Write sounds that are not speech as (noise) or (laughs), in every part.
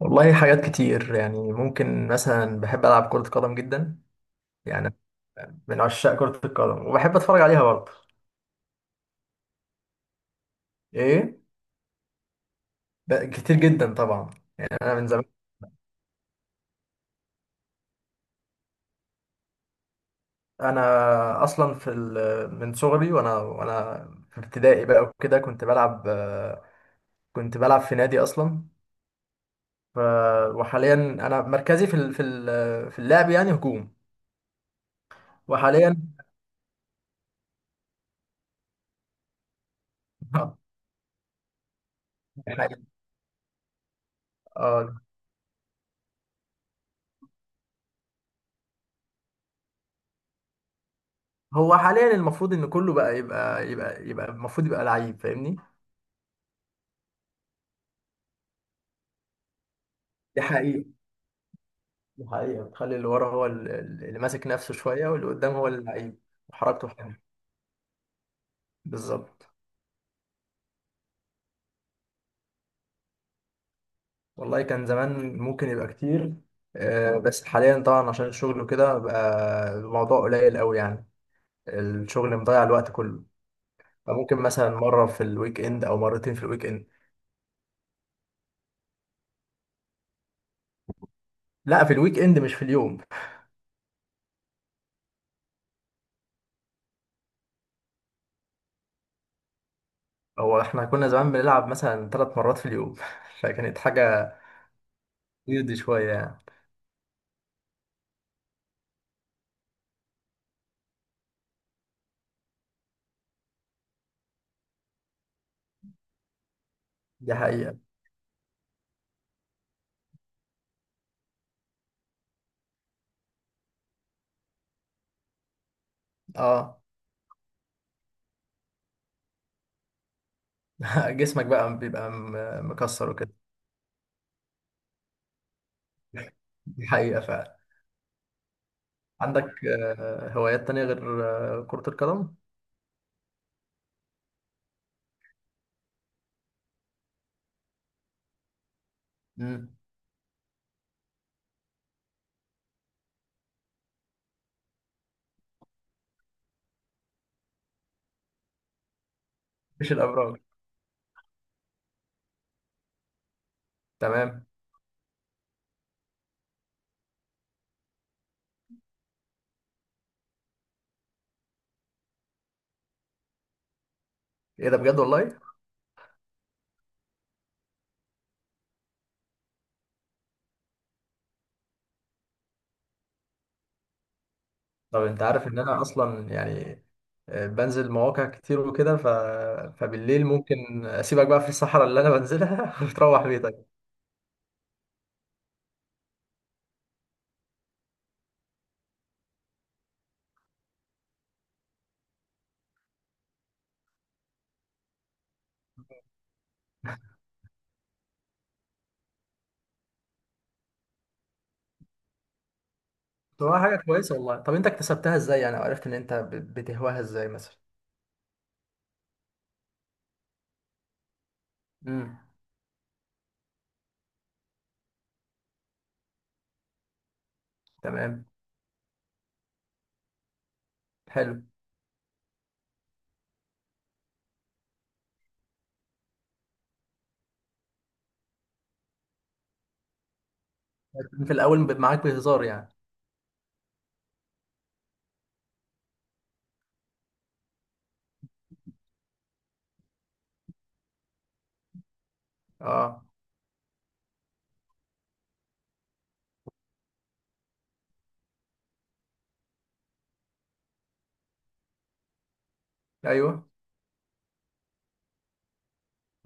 والله حاجات كتير يعني ممكن مثلا بحب ألعب كرة قدم جدا. يعني من عشاق كرة القدم وبحب أتفرج عليها برضه. إيه، كتير جدا طبعا. يعني أنا من زمان. أنا أصلا من صغري وأنا في ابتدائي بقى وكده كنت بلعب، كنت بلعب في نادي أصلا. ف... وحاليا أنا مركزي في اللعب يعني هجوم. وحاليا (laughs) آه، هو حاليا المفروض إن كله بقى يبقى المفروض يبقى لعيب، فاهمني؟ دي حقيقة. دي حقيقة بتخلي اللي ورا هو اللي ماسك نفسه شوية، واللي قدام هو اللعيب. وحركته حلوة. بالظبط. والله كان زمان ممكن يبقى كتير، بس حاليا طبعا عشان الشغل وكده بقى الموضوع قليل قوي يعني. الشغل مضيع الوقت كله. فممكن مثلا مرة في الويك اند أو مرتين في الويك اند. لا، في الويك اند مش في اليوم. هو احنا كنا زمان بنلعب مثلا 3 مرات في اليوم (laughs) فكانت حاجة ويرد شوية يعني. دي حقيقة. اه. (laughs) جسمك بقى بيبقى مكسر وكده. دي حقيقة فعلا. عندك هوايات تانية غير كرة القدم؟ امم. مش الأبراج. تمام. إيه ده بجد والله؟ طب أنت عارف إن أنا أصلا يعني بنزل مواقع كتير وكده، فبالليل ممكن أسيبك بقى في الصحراء اللي أنا بنزلها (laughs) وتروح بيتك. طب هو حاجة كويسة والله. طب أنت اكتسبتها إزاي يعني، وعرفت إن أنت بتهواها إزاي مثلا؟ امم. تمام. حلو. في الأول معاك بهزار يعني. أه. أيوه.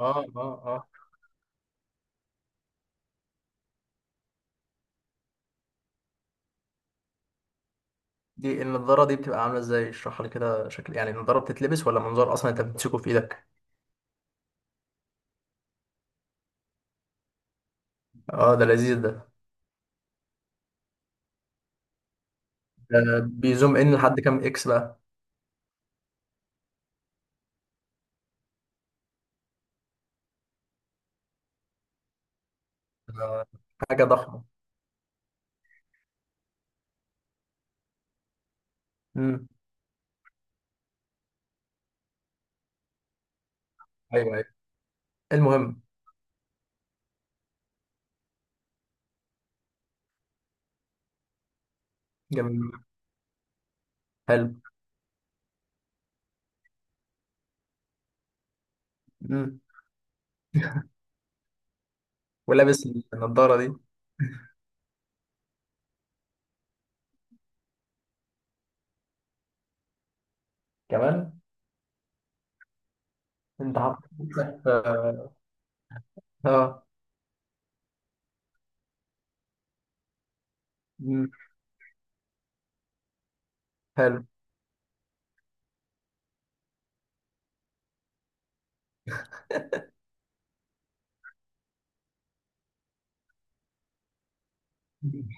أه. أه. دي النضارة دي بتبقى عاملة ازاي، اشرحها لي كده شكل؟ يعني النضارة بتتلبس، ولا منظار اصلا انت بتمسكه في ايدك؟ اه ده لذيذ ده. ده بيزوم ان لحد كام اكس بقى؟ ده حاجة ضخمة. امم. ايوه ايوه. المهم. جميل. حلو. امم. ولابس النضارة دي كمان؟ انت حاطط نفسك اه. امم. حلو.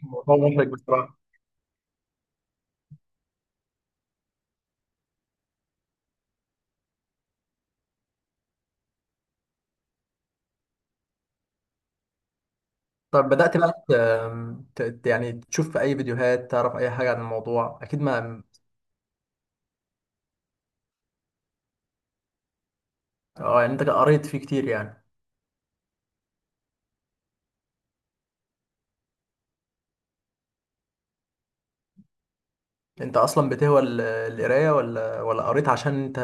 الموضوع محرج بصراحة. طب بدأت بقى يعني تشوف في اي فيديوهات تعرف اي حاجة عن الموضوع، اكيد؟ ما اه. يعني انت قريت فيه كتير يعني. انت اصلا بتهوى القرايه، ولا قريت عشان انت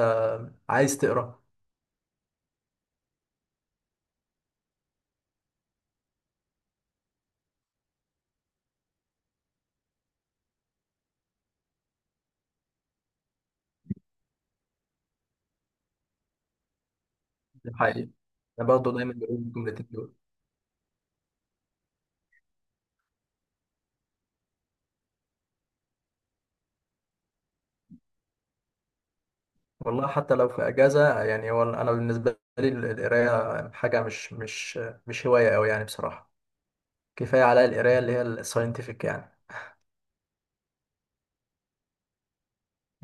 عايز تقرا؟ ده حقيقي. انا برضه دايما بقول الجملتين دول. والله حتى لو في اجازه يعني، هو انا بالنسبه لي القرايه حاجه مش هوايه قوي يعني بصراحه. كفايه عليا القرايه اللي هي الساينتفك يعني.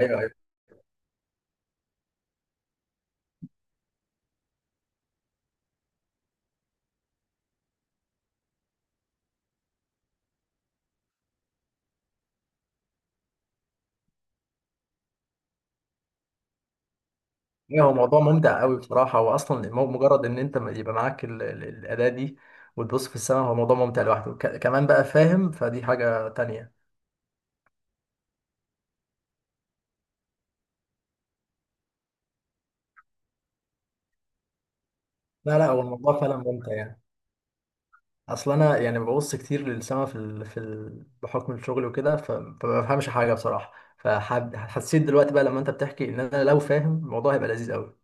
ايوه. ايوه. ايوه. هو موضوع ممتع قوي بصراحه. هو اصلا مجرد ان انت يبقى معاك الاداه دي، وتبص في السماء، هو موضوع ممتع لوحده كمان بقى، فاهم؟ فدي حاجه تانية. لا، لا، هو الموضوع فعلا ممتع يعني. اصل انا يعني ببص كتير للسما بحكم الشغل وكده، فما بفهمش حاجه بصراحه. فحسيت دلوقتي بقى لما انت بتحكي ان انا لو فاهم الموضوع هيبقى لذيذ قوي.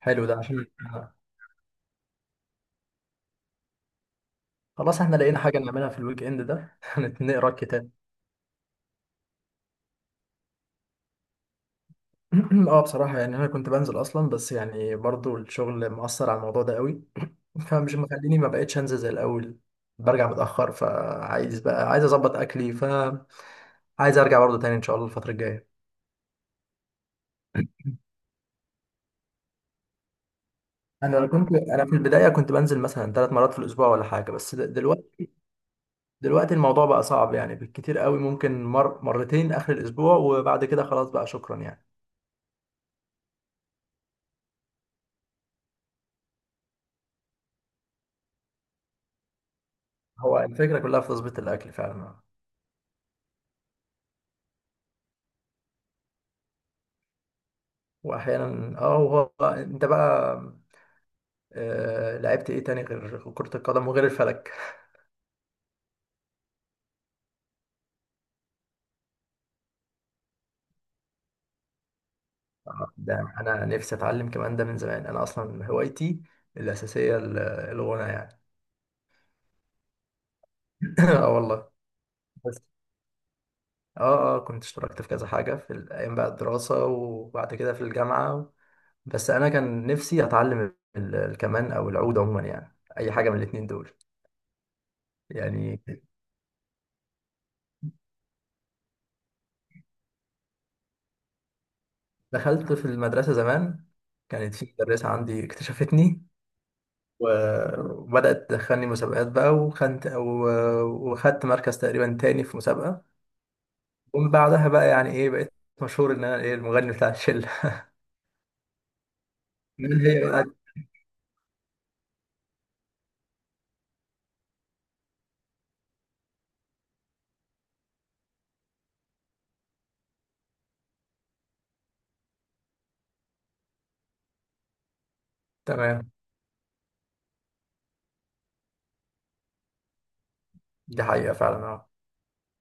حلو. ده عشان خلاص احنا لقينا حاجه نعملها في الويك اند ده (laughs) نقرا الكتاب. (clears throat) اه بصراحه يعني انا كنت بنزل اصلا، بس يعني برضو الشغل مأثر على الموضوع ده قوي. فمش مخليني، ما بقتش انزل زي الاول. برجع متأخر فعايز بقى، عايز اظبط اكلي، فعايز ارجع برضو تاني ان شاء الله الفتره الجايه. انا في البدايه كنت بنزل مثلا 3 مرات في الاسبوع ولا حاجه، بس دلوقتي. دلوقتي الموضوع بقى صعب يعني. بالكتير قوي ممكن مرتين اخر الاسبوع، وبعد كده خلاص بقى شكرا يعني. هو الفكره كلها في تظبيط الاكل فعلا. واحيانا. اه. هو انت بقى لعبت ايه تاني غير كرة القدم وغير الفلك؟ ده انا نفسي اتعلم كمان ده من زمان. انا اصلا هوايتي الاساسيه الغنى يعني. (laughs) اه والله. اه. اه. كنت اشتركت في كذا حاجة في الأيام بقى الدراسة وبعد كده في الجامعة. بس أنا كان نفسي أتعلم الكمان أو العود عموما، يعني أي حاجة من الاتنين دول. يعني دخلت في المدرسة زمان. كانت في مدرسة عندي اكتشفتني، و- وبدأت تدخلني مسابقات بقى، وخدت مركز تقريبا تاني في مسابقة. ومن بعدها بقى يعني إيه، بقيت مشهور إن أنا إيه، المغني بتاع الشلة. (laughs) من هي بقى. تمام. دي حقيقة فعلا آه.